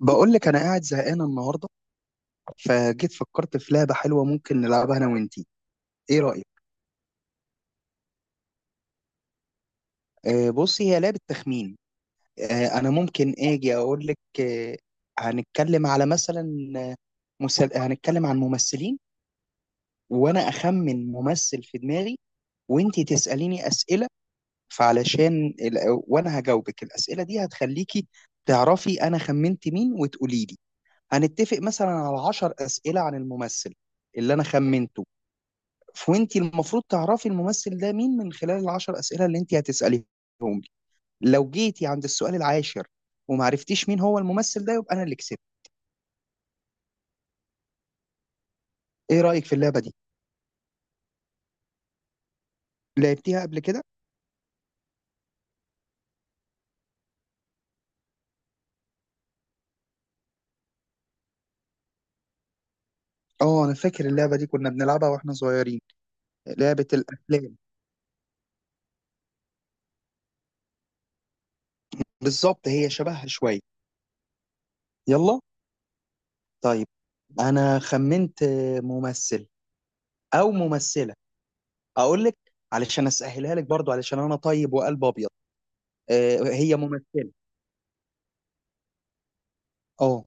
بقول لك انا قاعد زهقان النهارده، فجيت فكرت في لعبه حلوه ممكن نلعبها انا وانتي. ايه رايك؟ آه بصي، هي لعبه تخمين. انا ممكن اجي اقول لك. آه هنتكلم على مثلا آه، مسل... هنتكلم عن ممثلين، وانا اخمن ممثل في دماغي، وانتي تساليني اسئله. فعلشان ال... وانا هجاوبك الاسئله دي، هتخليكي تعرفي انا خمنت مين وتقولي لي. هنتفق مثلا على 10 اسئله عن الممثل اللي انا خمنته، فوانت المفروض تعرفي الممثل ده مين من خلال العشر اسئله اللي انت هتساليهم لي. لو جيتي عند السؤال العاشر وما عرفتيش مين هو الممثل ده، يبقى انا اللي كسبت. ايه رايك في اللعبه دي؟ لعبتيها قبل كده؟ اه، انا فاكر اللعبه دي كنا بنلعبها واحنا صغيرين. لعبه الافلام. بالظبط، هي شبهها شويه. يلا. طيب، انا خمنت ممثل او ممثله، اقول لك. علشان اسهلها لك برضو، علشان انا طيب وقلب ابيض. آه، هي ممثله. اه.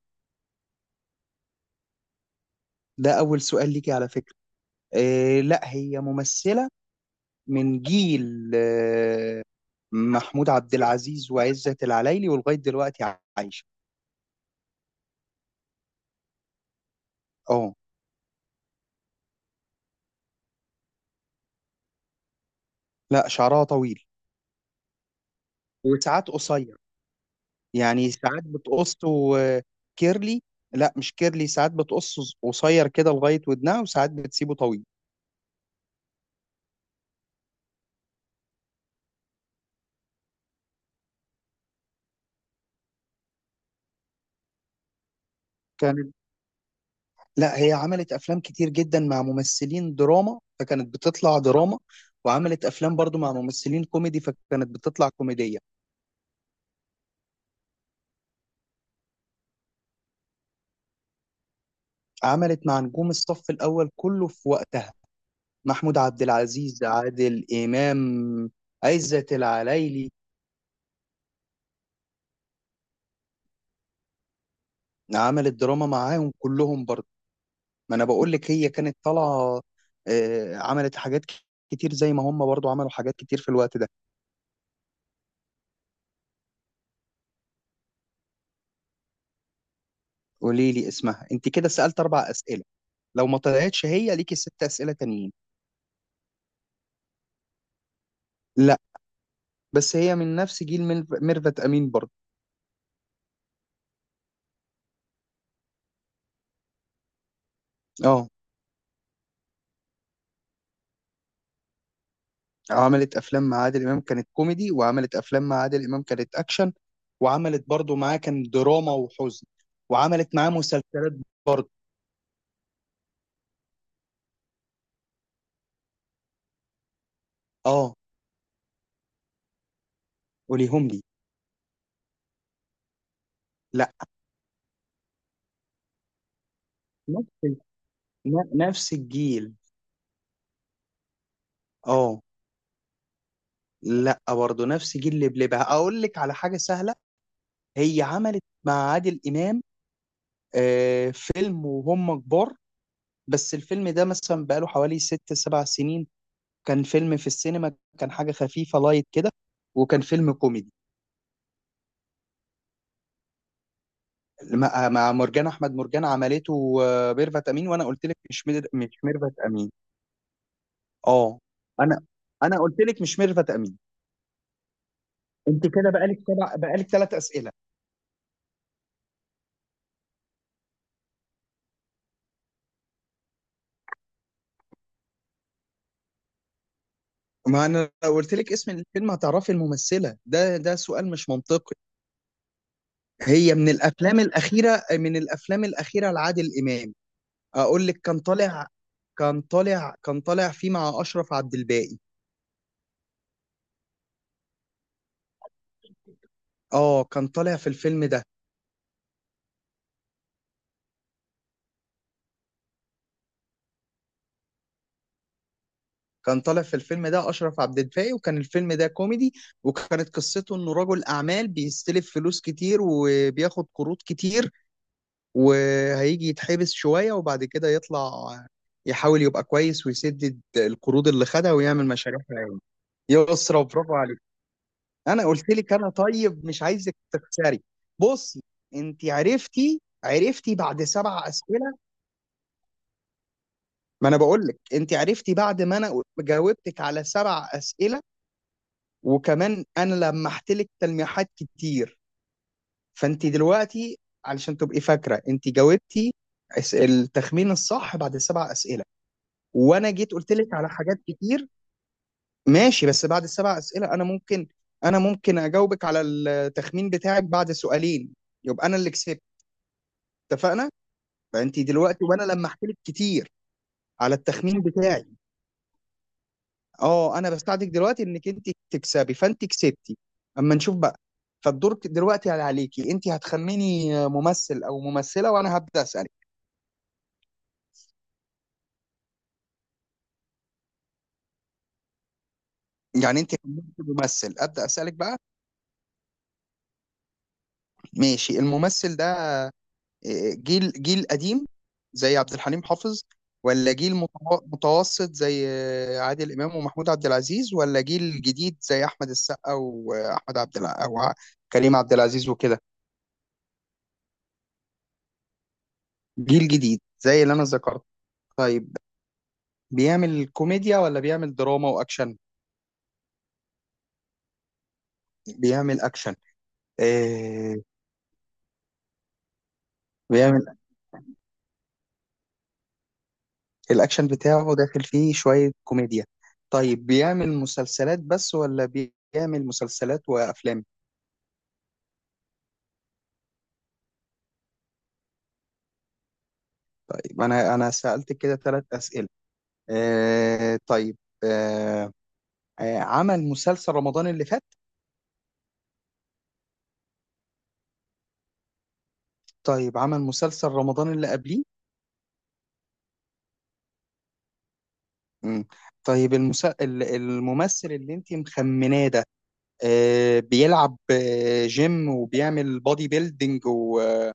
ده اول سؤال ليكي على فكره. لا هي ممثلة، من جيل محمود عبد العزيز وعزت العلايلي، ولغاية دلوقتي عايشة. اه. لا شعرها طويل، وساعات قصير. يعني ساعات بتقصه كيرلي. لا مش كيرلي، ساعات بتقصه قصير كده لغاية ودنها، وساعات بتسيبه طويل. كانت... لا هي عملت أفلام كتير جدا مع ممثلين دراما فكانت بتطلع دراما، وعملت أفلام برضو مع ممثلين كوميدي فكانت بتطلع كوميدية. عملت مع نجوم الصف الأول كله في وقتها: محمود عبد العزيز، عادل إمام، عزت العلايلي. عملت دراما معاهم كلهم برضه. ما أنا بقول لك هي كانت طالعة. عملت حاجات كتير، زي ما هم برضه عملوا حاجات كتير في الوقت ده. قولي لي اسمها. انت كده سألت اربع أسئلة، لو ما طلعتش هي ليكي ست أسئلة تانيين. لا، بس هي من نفس جيل ميرفت أمين برضه. اه، عملت افلام مع عادل امام كانت كوميدي، وعملت افلام مع عادل امام كانت اكشن، وعملت برضو معاه كان دراما وحزن، وعملت معاه مسلسلات برضو. اه، قوليهم لي. لا، نفس نفس الجيل. اه. لا، برضو نفس جيل لبلبها. اقول لك على حاجه سهله: هي عملت مع عادل امام فيلم وهم كبار. بس الفيلم ده مثلا بقاله حوالي ست سبع سنين. كان فيلم في السينما، كان حاجه خفيفه لايت كده، وكان فيلم كوميدي. مع مرجان احمد مرجان عملته ميرفت امين، وانا قلت لك مش ميرفت امين. اه. انا انا قلت لك مش ميرفت امين. انت كده بقالك سبع، بقالك ثلاث اسئله. ما انا لو قلت لك اسم الفيلم هتعرفي الممثله، ده ده سؤال مش منطقي. هي من الافلام الاخيره، من الافلام الاخيره لعادل امام. اقول لك، كان طالع فيه مع اشرف عبد الباقي. اه، كان طالع في الفيلم ده أشرف عبد الباقي، وكان الفيلم ده كوميدي، وكانت قصته إنه رجل أعمال بيستلف فلوس كتير وبياخد قروض كتير، وهيجي يتحبس شوية وبعد كده يطلع يحاول يبقى كويس ويسدد القروض اللي خدها ويعمل مشاريع خيرية. يسرا، برافو عليك. أنا قلت لك أنا طيب، مش عايزك تخسري. بصي، أنت عرفتي بعد سبع أسئلة. ما أنا بقول لك أنت عرفتي بعد ما أنا جاوبتك على سبع أسئلة، وكمان انا لمحت لك تلميحات كتير. فانت دلوقتي، علشان تبقي فاكره، انت جاوبتي التخمين الصح بعد السبع اسئله. وانا جيت قلت لك على حاجات كتير. ماشي، بس بعد السبع اسئله، انا ممكن اجاوبك على التخمين بتاعك بعد سؤالين، يبقى انا اللي كسبت. اتفقنا؟ فانت دلوقتي وانا لمحت لك كتير على التخمين بتاعي. اه، انا بساعدك دلوقتي انك انت تكسبي، فانت كسبتي. اما نشوف بقى. فالدور دلوقتي عليكي انت، هتخميني ممثل او ممثله وانا هبدا اسالك. يعني انت خمنتي ممثل، ابدا اسالك بقى. ماشي، الممثل ده جيل قديم زي عبد الحليم حافظ، ولا جيل متوسط زي عادل امام ومحمود عبد العزيز، ولا جيل جديد زي احمد السقا واحمد عبد الع... او ع- كريم عبد العزيز وكده؟ جيل جديد زي اللي انا ذكرت. طيب، بيعمل كوميديا ولا بيعمل دراما واكشن؟ بيعمل اكشن. آه. بيعمل... الاكشن بتاعه داخل فيه شوية كوميديا. طيب، بيعمل مسلسلات بس ولا بيعمل مسلسلات وافلام؟ طيب، انا سألت كده ثلاث أسئلة. آه طيب. آه. عمل مسلسل رمضان اللي فات. طيب عمل مسلسل رمضان اللي قبليه. مم. طيب، الممثل اللي انت مخمناه ده بيلعب جيم وبيعمل بودي بيلدينج،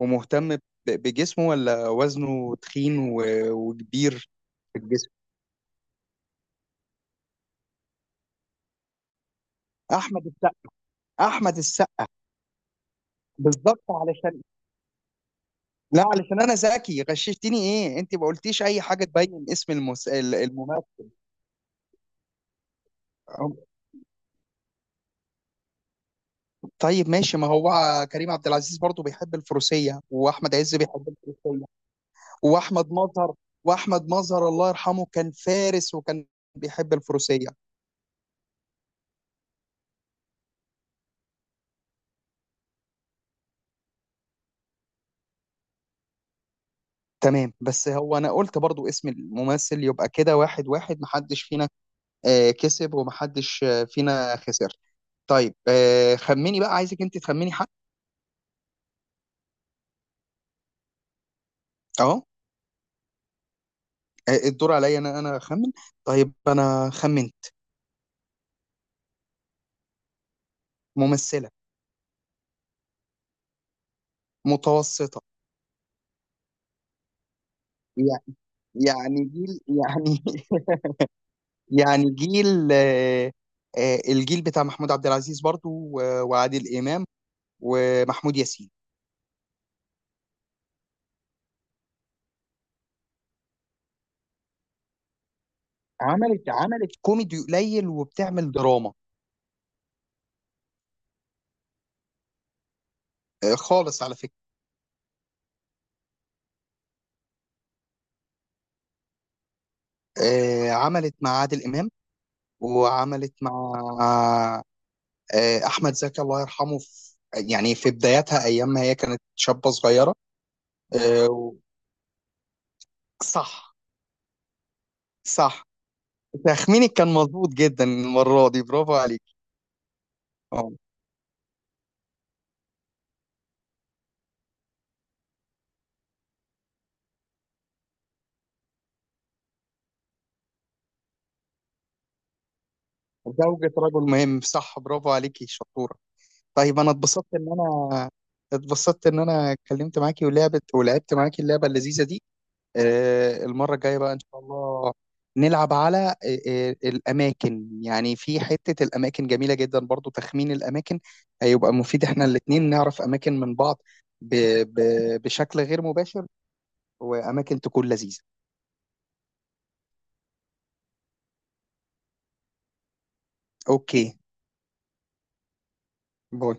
ومهتم بجسمه، ولا وزنه تخين وكبير في الجسم؟ احمد السقا. احمد السقا. بالظبط، علشان... لا، علشان انا ذكي، غششتني ايه؟ انت ما قلتيش اي حاجه تبين اسم الممثل. طيب ماشي، ما هو كريم عبد العزيز برضه بيحب الفروسيه، واحمد عز بيحب الفروسيه، واحمد مظهر. واحمد مظهر الله يرحمه كان فارس، وكان بيحب الفروسيه. تمام، بس هو انا قلت برضو اسم الممثل، يبقى كده واحد واحد، محدش فينا كسب ومحدش فينا خسر. طيب، خمني بقى، عايزك انت تخمني حد. اهو. الدور عليا انا، انا اخمن. طيب انا خمنت. ممثلة. متوسطة. يع- يعني جيل يعني يعني جيل الجيل بتاع محمود عبد العزيز برضو، وعادل امام ومحمود ياسين. عملت كوميدي قليل، وبتعمل دراما. خالص على فكرة. عملت مع عادل إمام، وعملت مع أحمد زكي الله يرحمه في... يعني في بداياتها، أيام ما هي كانت شابة صغيرة. آه، و- صح. صح. تخمينك كان مظبوط جدا المرة دي، برافو عليك. اه، زوجة رجل مهم، صح، برافو عليكي شطورة. طيب، أنا اتبسطت إن أنا اتكلمت معاكي، ولعبت معاكي اللعبة اللذيذة دي. المرة الجاية بقى إن شاء الله نلعب على الأماكن. يعني في حتة الأماكن جميلة جدا، برضو تخمين الأماكن هيبقى مفيد، إحنا الاتنين نعرف أماكن من بعض ب- بشكل غير مباشر، وأماكن تكون لذيذة. أوكي. باي.